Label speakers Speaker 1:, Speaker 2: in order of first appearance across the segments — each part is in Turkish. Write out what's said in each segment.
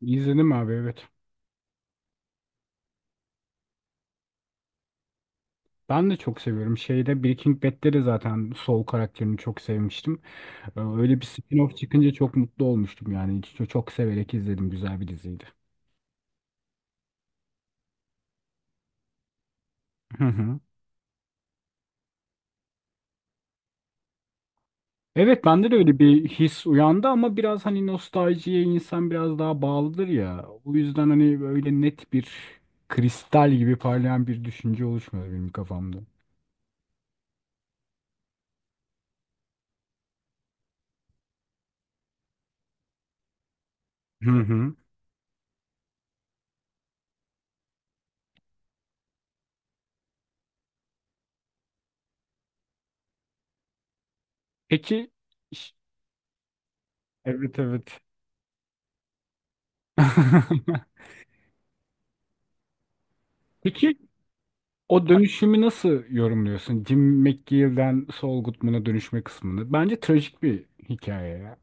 Speaker 1: İzledim abi, evet. Ben de çok seviyorum. Şeyde Breaking Bad'de de zaten Saul karakterini çok sevmiştim. Öyle bir spin-off çıkınca çok mutlu olmuştum yani. Çok severek izledim. Güzel bir diziydi. Hı hı. Evet, bende de öyle bir his uyandı ama biraz hani nostaljiye insan biraz daha bağlıdır ya. O yüzden hani böyle net bir kristal gibi parlayan bir düşünce oluşmadı benim kafamda. Hı hı. Peki ş- evet, evet. Peki, o dönüşümü nasıl yorumluyorsun? Jim McGill'den Saul Goodman'a dönüşme kısmını. Bence trajik bir hikaye ya.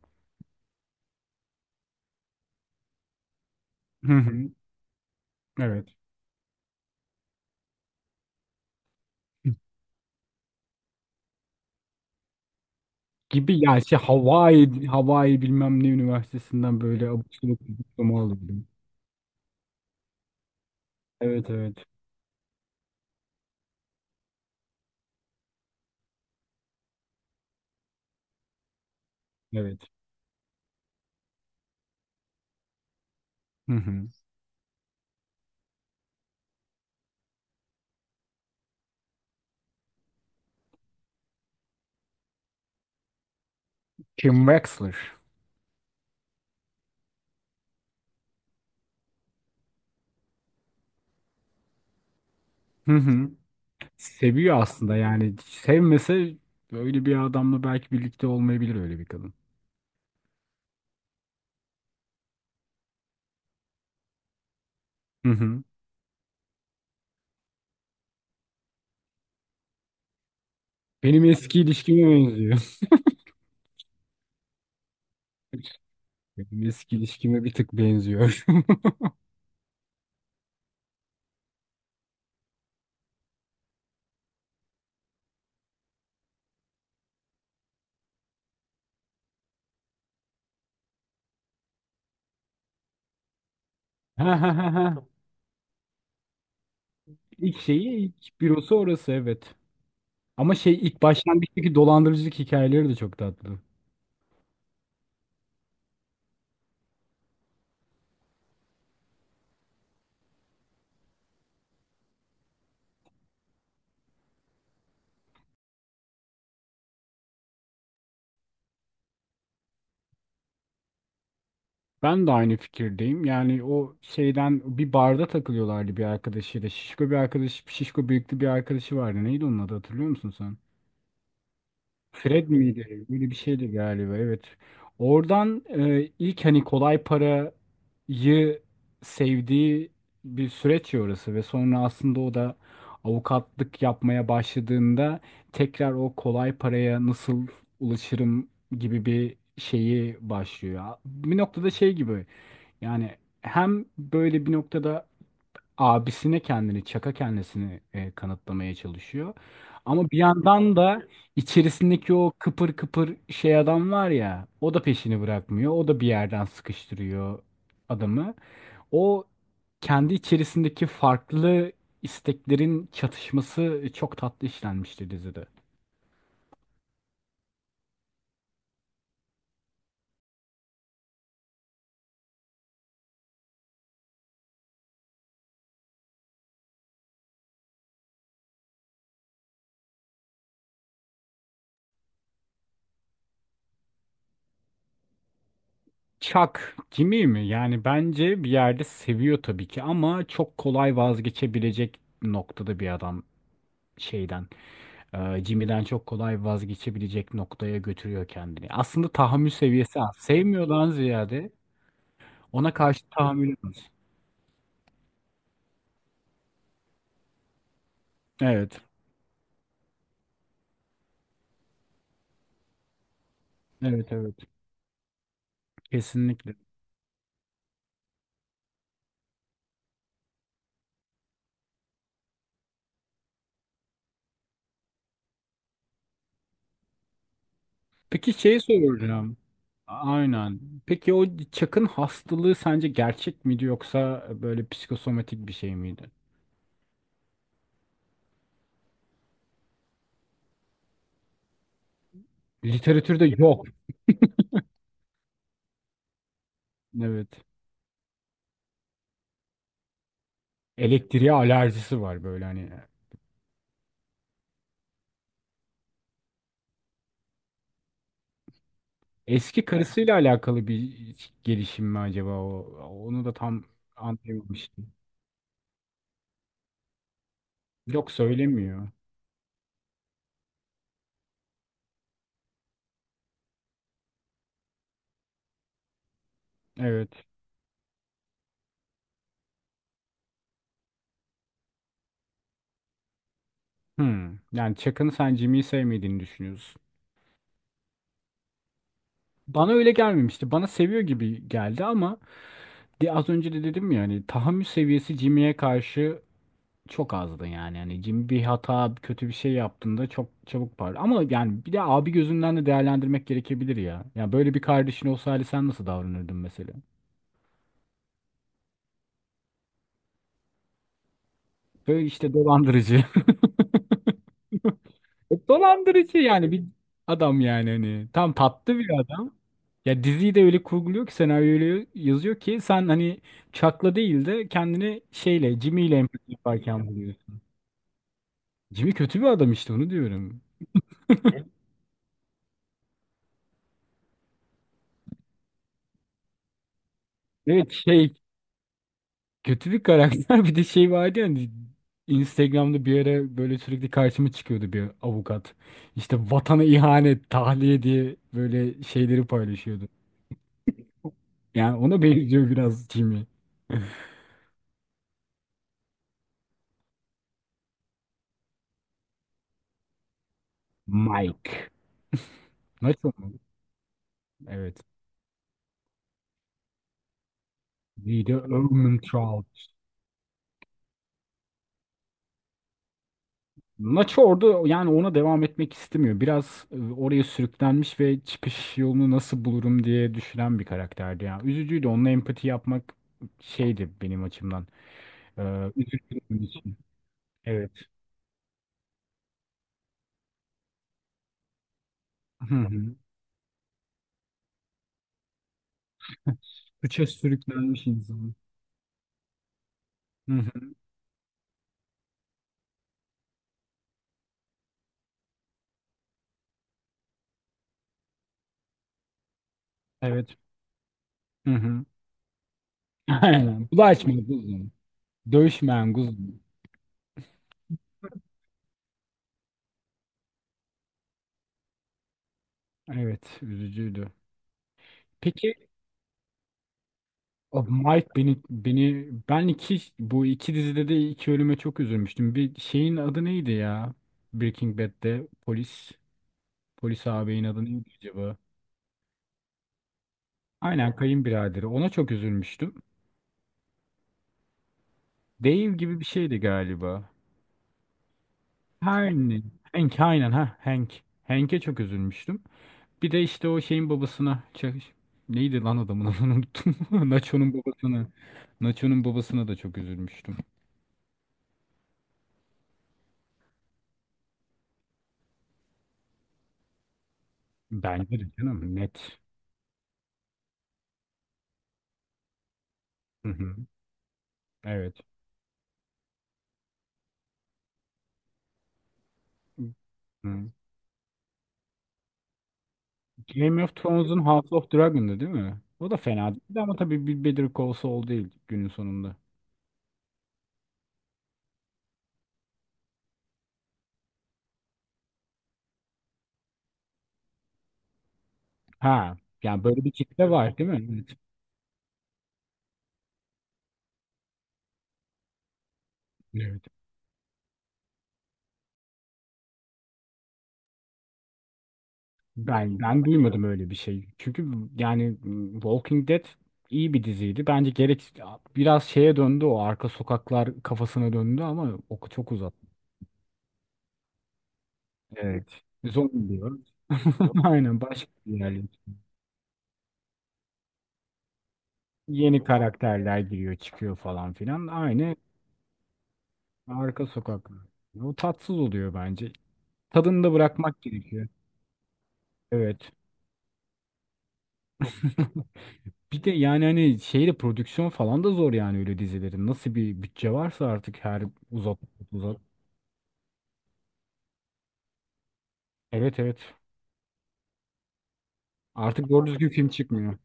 Speaker 1: Hı hı, evet. Gibi yani şey Hawaii bilmem ne üniversitesinden böyle abuk sabuk bir diploma alıyordum. Evet, evet. Evet. Hı hı. Kim Wexler. Hı hı. Seviyor aslında yani. Sevmese böyle bir adamla belki birlikte olmayabilir öyle bir kadın. Hı hı. Benim eski ilişkime benziyor. Benim eski ilişkime bir tık benziyor. Ha ha ha ha. İlk bürosu orası, evet. Ama şey, ilk başlangıçtaki dolandırıcılık hikayeleri de çok tatlı. Ben de aynı fikirdeyim. Yani o şeyden bir barda takılıyorlardı bir arkadaşıyla. Şişko büyüklü bir arkadaşı vardı. Neydi onun adı, hatırlıyor musun sen? Fred miydi? Böyle bir şeydi galiba. Evet. Oradan ilk hani kolay parayı sevdiği bir süreç ya orası ve sonra aslında o da avukatlık yapmaya başladığında tekrar o kolay paraya nasıl ulaşırım gibi bir şeyi başlıyor. Bir noktada şey gibi yani, hem böyle bir noktada abisine çaka kendisini kanıtlamaya çalışıyor. Ama bir yandan da içerisindeki o kıpır kıpır şey adam var ya, o da peşini bırakmıyor. O da bir yerden sıkıştırıyor adamı. O kendi içerisindeki farklı isteklerin çatışması çok tatlı işlenmişti dizide. Chuck kimi mi? Yani bence bir yerde seviyor tabii ki ama çok kolay vazgeçebilecek noktada bir adam şeyden. Ee, Jimmy'den çok kolay vazgeçebilecek noktaya götürüyor kendini. Aslında tahammül seviyesi az. Sevmiyordan ziyade ona karşı tahammülü az. Evet. Evet, evet. Kesinlikle. Peki şey soracağım. Aynen. Peki, o Chuck'ın hastalığı sence gerçek miydi yoksa böyle psikosomatik bir şey miydi? Literatürde yok. Evet. Elektriğe alerjisi var böyle hani. Eski karısıyla alakalı bir gelişim mi acaba o? Onu da tam anlayamamıştım. Yok, söylemiyor. Evet. Hmm. Yani Chuck'ın sen Jimmy'yi sevmediğini düşünüyorsun. Bana öyle gelmemişti. Bana seviyor gibi geldi ama de az önce de dedim ya, hani tahammül seviyesi Jimmy'ye karşı çok azdı yani. Yani Jimmy bir hata, kötü bir şey yaptığında çok çabuk parlıyor. Ama yani bir de abi gözünden de değerlendirmek gerekebilir ya. Ya böyle bir kardeşin olsa hali sen nasıl davranırdın mesela? Böyle işte dolandırıcı. Dolandırıcı yani bir adam yani hani tam tatlı bir adam. Ya diziyi de öyle kurguluyor ki senaryoyu öyle yazıyor ki sen hani Chuck'la değil de kendini şeyle Jimmy'yle empati yaparken buluyorsun. Jimmy kötü bir adam, işte onu diyorum. Evet, şey, kötü bir karakter. Bir de şey vardı ya hani, Instagram'da bir ara böyle sürekli karşıma çıkıyordu bir avukat. İşte vatana ihanet, tahliye diye böyle şeyleri paylaşıyordu. Yani ona benziyor biraz Jimmy. Mike. Nasıl mı? Evet. The Omen Trial. Nacho orada yani ona devam etmek istemiyor. Biraz oraya sürüklenmiş ve çıkış yolunu nasıl bulurum diye düşünen bir karakterdi. Yani üzücüydü. Onunla empati yapmak şeydi benim açımdan. Üzücü benim için. Evet. Hı hı. Suça sürüklenmiş insan. Hı hı. Evet. Hı hı. Aynen. Bulaşmayan kuzum. Dövüşmeyen kuzum. Evet, üzücüydü. Peki abi, Mike, ben bu iki dizide de iki ölüme çok üzülmüştüm. Bir şeyin adı neydi ya? Breaking Bad'de polis ağabeyin adı neydi acaba? Aynen, kayınbiraderi. Ona çok üzülmüştüm. Dave gibi bir şeydi galiba. Her ne? Hank, aynen, ha Hank. Hank'e çok üzülmüştüm. Bir de işte o şeyin neydi lan adamın adını unuttum. Nacho'nun babasına. Nacho'nun babasına da çok üzülmüştüm. Bence de canım, net. Hı hı. Evet. Hı. Game of Thrones'un House of Dragon'dı değil mi? O da fena değildi ama tabii bir Better Call Saul değil günün sonunda. Ha, yani böyle bir kitle var değil mi? Evet. Evet. Ben duymadım öyle bir şey. Çünkü yani Walking Dead iyi bir diziydi. Bence gerek biraz şeye döndü, o arka sokaklar kafasına döndü ama o çok uzattı. Evet. Zombi diyor. Aynen, başka bir yerli. Yeni karakterler giriyor çıkıyor falan filan. Aynı arka sokaklar. O tatsız oluyor bence. Tadını da bırakmak gerekiyor. Evet. Bir de yani hani şeyde prodüksiyon falan da zor yani öyle dizilerin. Nasıl bir bütçe varsa artık her uzat uzat. Evet, evet. Artık doğru düzgün film çıkmıyor.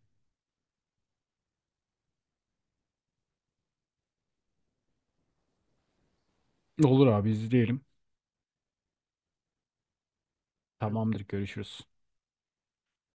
Speaker 1: Olur abi, izleyelim. Tamamdır, görüşürüz.